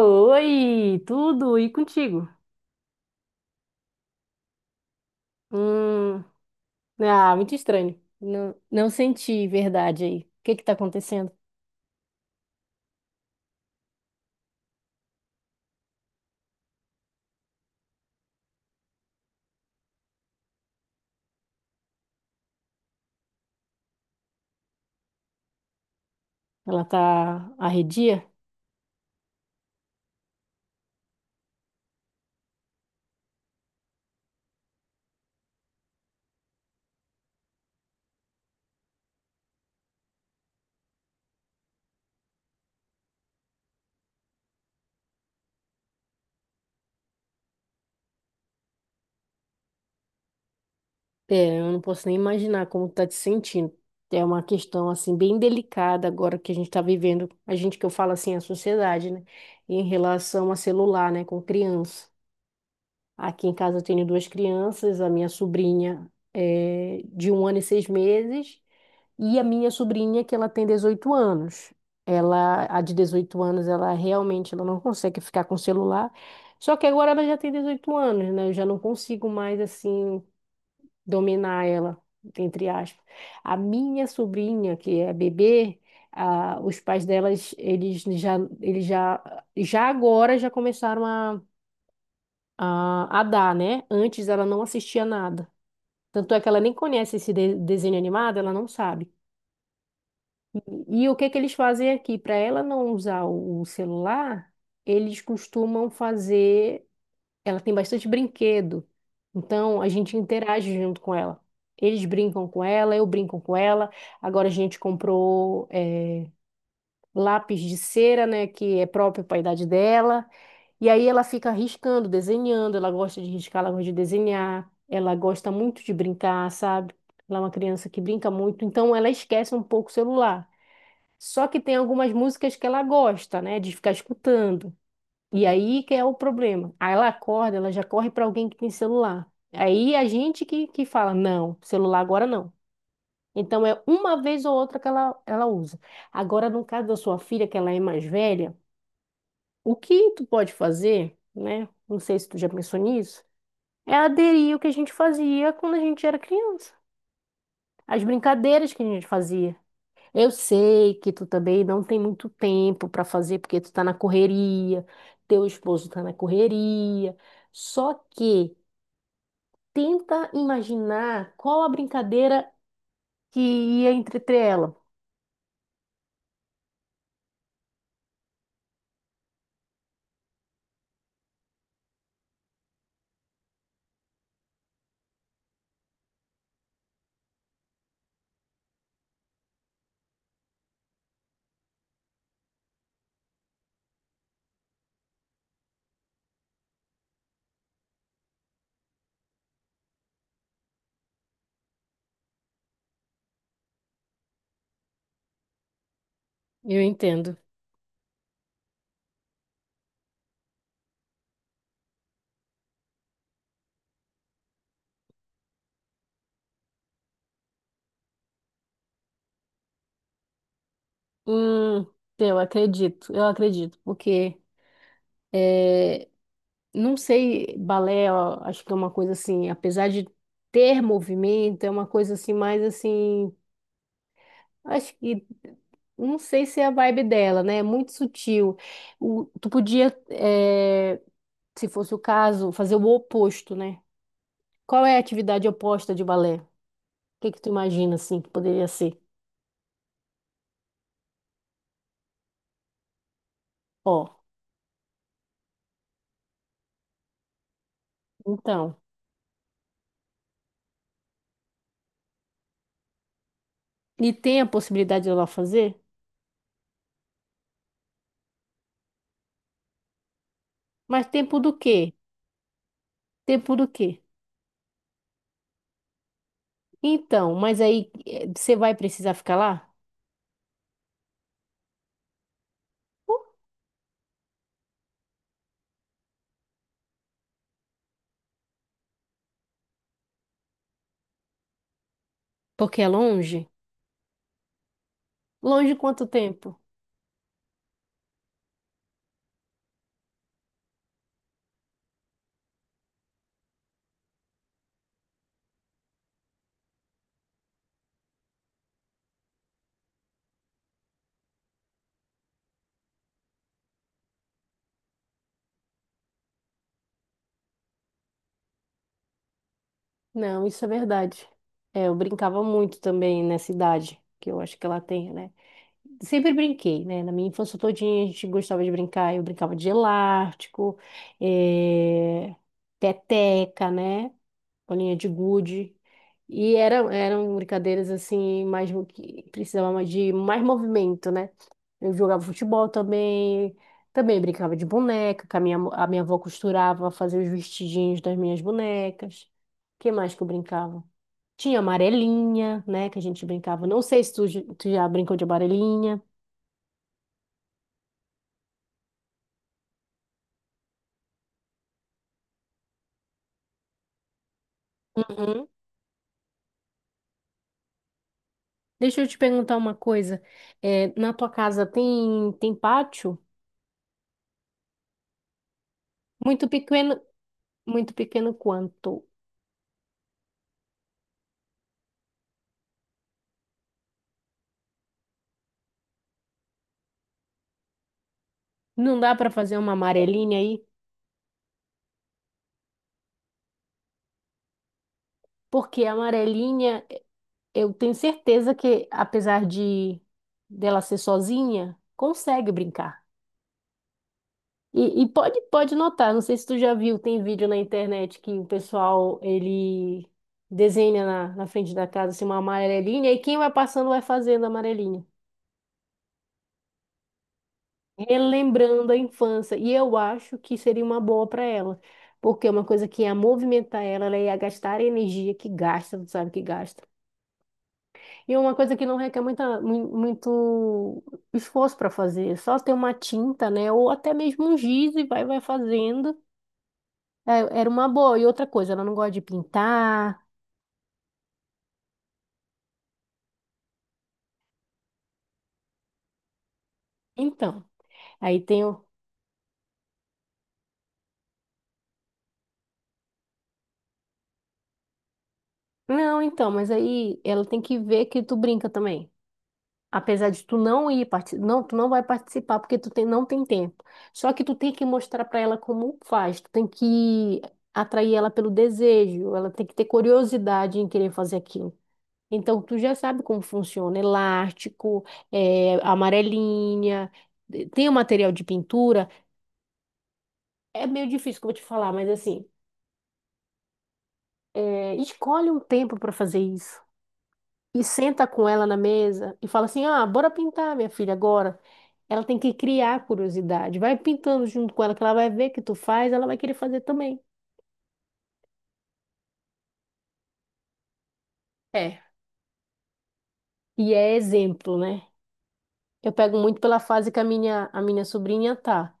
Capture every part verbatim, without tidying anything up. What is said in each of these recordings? Oi, tudo e contigo? Hum, ah, muito estranho. Não, não senti verdade aí. O que que tá acontecendo? Ela tá arredia? É, eu não posso nem imaginar como tá te sentindo. É uma questão assim bem delicada agora que a gente tá vivendo. A gente que eu falo assim, a sociedade, né? Em relação a celular, né, com criança. Aqui em casa eu tenho duas crianças, a minha sobrinha é de um ano e seis meses. E a minha sobrinha, que ela tem dezoito anos. Ela, a de dezoito anos, ela realmente ela não consegue ficar com o celular. Só que agora ela já tem dezoito anos, né? Eu já não consigo mais, assim, dominar ela, entre aspas. A minha sobrinha, que é bebê, ah, os pais delas, eles já, eles já, já agora já começaram a, a, a dar, né? Antes ela não assistia nada. Tanto é que ela nem conhece esse de- desenho animado, ela não sabe. E o que que eles fazem aqui? Para ela não usar o o celular, eles costumam fazer. Ela tem bastante brinquedo, então a gente interage junto com ela. Eles brincam com ela, eu brinco com ela. Agora a gente comprou eh, lápis de cera, né, que é próprio para a idade dela. E aí ela fica riscando, desenhando. Ela gosta de riscar, ela gosta de desenhar. Ela gosta muito de brincar, sabe? Ela é uma criança que brinca muito, então ela esquece um pouco o celular. Só que tem algumas músicas que ela gosta, né, de ficar escutando. E aí que é o problema. Aí ela acorda, ela já corre para alguém que tem celular. Aí a gente que, que fala, não, celular agora não. Então é uma vez ou outra que ela, ela usa. Agora, no caso da sua filha, que ela é mais velha, o que tu pode fazer, né? Não sei se tu já pensou nisso, é aderir ao que a gente fazia quando a gente era criança. As brincadeiras que a gente fazia. Eu sei que tu também não tem muito tempo para fazer, porque tu tá na correria, teu esposo tá na correria. Só que tenta imaginar qual a brincadeira que ia entreter ela. Eu entendo. Hum, eu acredito, eu acredito, porque não sei, balé, ó, acho que é uma coisa assim, apesar de ter movimento, é uma coisa assim mais assim. Acho que não sei se é a vibe dela, né? É muito sutil. O- tu podia, eh, se fosse o caso, fazer o oposto, né? Qual é a atividade oposta de balé? O que que tu imagina assim que poderia ser? Ó, então. E tem a possibilidade de ela fazer? Mas tempo do quê? Tempo do quê? Então, mas aí eh, você vai precisar ficar lá? Porque é longe? Longe quanto tempo? Não, isso é verdade. É, eu brincava muito também nessa idade, que eu acho que ela tem, né? Sempre brinquei, né? Na minha infância todinha a gente gostava de brincar. Eu brincava de elástico, eh, peteca, né? Bolinha de gude. E eram, eram brincadeiras assim, mais mo- que precisavam de mais movimento, né? Eu jogava futebol também, também brincava de boneca, que a minha, mo- a minha avó costurava, fazia os vestidinhos das minhas bonecas. Que mais que eu brincava? Tinha amarelinha, né, que a gente brincava. Não sei se tu, j- tu já brincou de amarelinha. Uhum. Deixa eu te perguntar uma coisa. É, na tua casa tem, tem pátio? Muito pequeno, muito pequeno quanto? Não dá para fazer uma amarelinha aí? Porque a amarelinha, eu tenho certeza que, apesar de dela ser sozinha, consegue brincar. E, e pode, pode notar, não sei se tu já viu, tem vídeo na internet que o pessoal, ele desenha na, na frente da casa, assim, uma amarelinha, e quem vai passando vai fazendo a amarelinha. Relembrando a infância. E eu acho que seria uma boa para ela. Porque é uma coisa que ia movimentar ela, ela ia gastar a energia que gasta, tu sabe que gasta. E é uma coisa que não requer muita, mui- muito esforço para fazer, só ter uma tinta, né? Ou até mesmo um giz e vai, vai fazendo. É, era uma boa. E outra coisa, ela não gosta de pintar. Então, aí tem o. Não, então, mas aí ela tem que ver que tu brinca também. Apesar de tu não ir parti... não, tu não vai participar porque tu tem, não tem tempo. Só que tu tem que mostrar para ela como faz. Tu tem que atrair ela pelo desejo. Ela tem que ter curiosidade em querer fazer aquilo. Então, tu já sabe como funciona elástico, eh, amarelinha, eh, tem o material de pintura. É meio difícil que eu vou te falar, mas assim, eh, escolhe um tempo para fazer isso. E senta com ela na mesa e fala assim: ah, bora pintar, minha filha, agora. Ela tem que criar a curiosidade. Vai pintando junto com ela, que ela vai ver que tu faz, ela vai querer fazer também. É. E é exemplo, né? Eu pego muito pela fase que a minha, a minha sobrinha tá.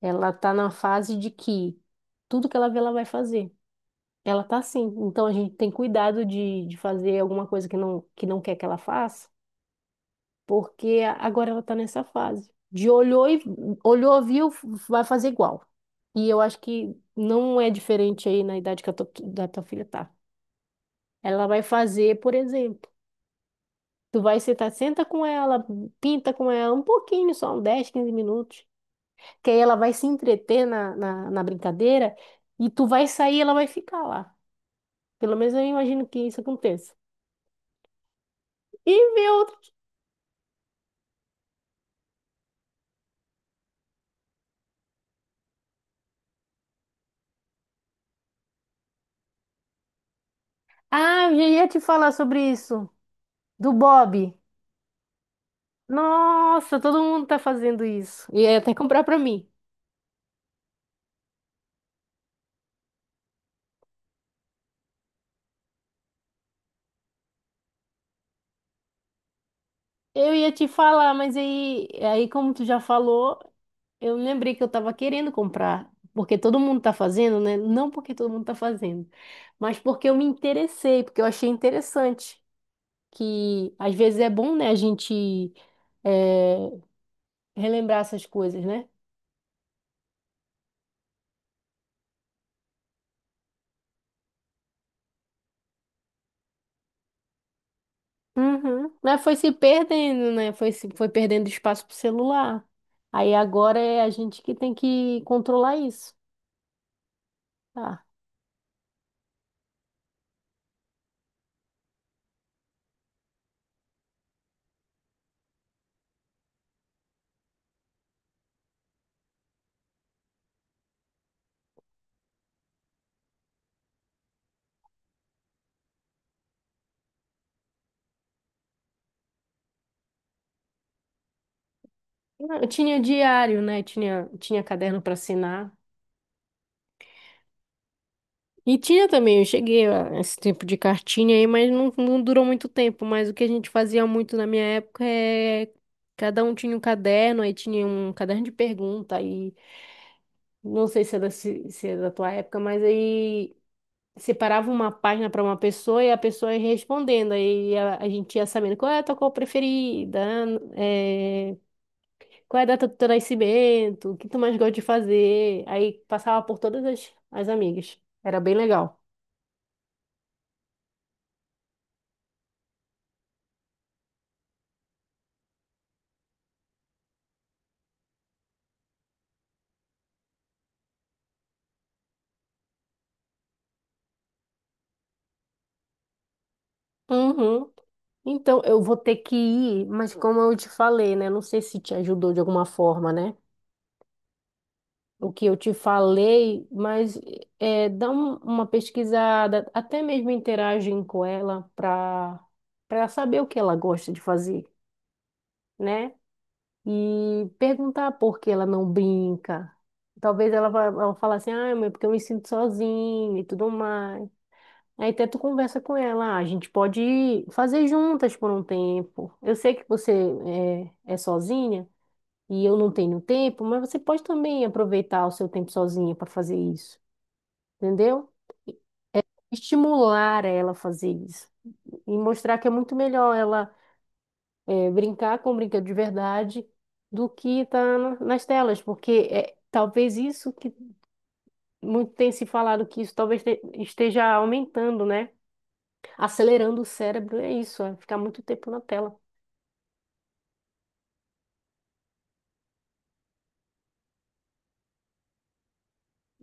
Ela tá na fase de que tudo que ela vê, ela vai fazer. Ela tá assim. Então a gente tem cuidado de, de fazer alguma coisa que não, que não, quer que ela faça, porque a- agora ela tá nessa fase. De olhou e olhou, viu, vai fazer igual. E eu acho que não é diferente aí na idade que a tua, da tua filha tá. Ela vai fazer, por exemplo, tu vai sentar, senta com ela, pinta com ela um pouquinho, só um dez quinze minutos. Que aí ela vai se entreter na, na, na brincadeira e tu vai sair e ela vai ficar lá. Pelo menos eu imagino que isso aconteça. E ver outro. Ah, eu já ia te falar sobre isso, do Bob. Nossa, todo mundo tá fazendo isso. E ia até comprar pra mim. Eu ia te falar, mas aí, aí como tu já falou, eu lembrei que eu tava querendo comprar. Porque todo mundo tá fazendo, né? Não porque todo mundo tá fazendo, mas porque eu me interessei, porque eu achei interessante. Que às vezes é bom, né, a gente é, relembrar essas coisas, né? Uhum. Mas foi se perdendo, né? Foi, se- foi perdendo espaço pro celular. Aí agora é a gente que tem que controlar isso. Tá. Eu tinha diário, né? Tinha, tinha caderno para assinar. E tinha também, eu cheguei a esse tempo de cartinha aí, mas não, não durou muito tempo. Mas o que a gente fazia muito na minha época é. Cada um tinha um caderno, aí tinha um caderno de pergunta, aí não sei se é da, se se é da tua época, mas aí separava uma página para uma pessoa e a pessoa ia respondendo. Aí a, a gente ia sabendo qual é a tua cor preferida, né? É, qual é a data do teu nascimento, o que tu mais gosta de fazer. Aí passava por todas as, as amigas. Era bem legal. Uhum. Então, eu vou ter que ir, mas como eu te falei, né? Não sei se te ajudou de alguma forma, né? O que eu te falei, mas é, dá um- uma pesquisada, até mesmo interagem com ela para para saber o que ela gosta de fazer, né? E perguntar por que ela não brinca. Talvez ela vá ela falar assim, ah, mãe, porque eu me sinto sozinha e tudo mais. Aí até tu conversa com ela, "Ah, a gente pode fazer juntas por um tempo. Eu sei que você é, é sozinha e eu não tenho tempo, mas você pode também aproveitar o seu tempo sozinha para fazer isso, entendeu? Estimular ela a fazer isso e mostrar que é muito melhor ela eh, brincar com brinquedo de verdade do que estar nas telas, porque é talvez isso que muito tem se falado que isso talvez te- esteja aumentando, né? Acelerando o cérebro, é isso, é ficar muito tempo na tela.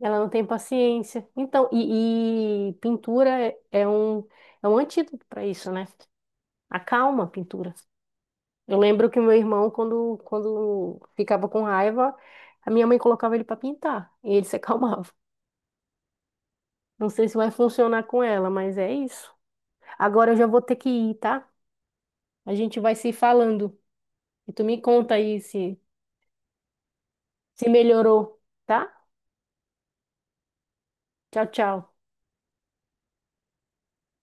Ela não tem paciência. Então, e, e pintura é, é um, é um antídoto para isso, né? Acalma a pintura. Eu lembro que meu irmão, quando, quando ficava com raiva, a minha mãe colocava ele para pintar e ele se acalmava. Não sei se vai funcionar com ela, mas é isso. Agora eu já vou ter que ir, tá? A gente vai se falando. E tu me conta aí se, se melhorou, tá? Tchau, tchau.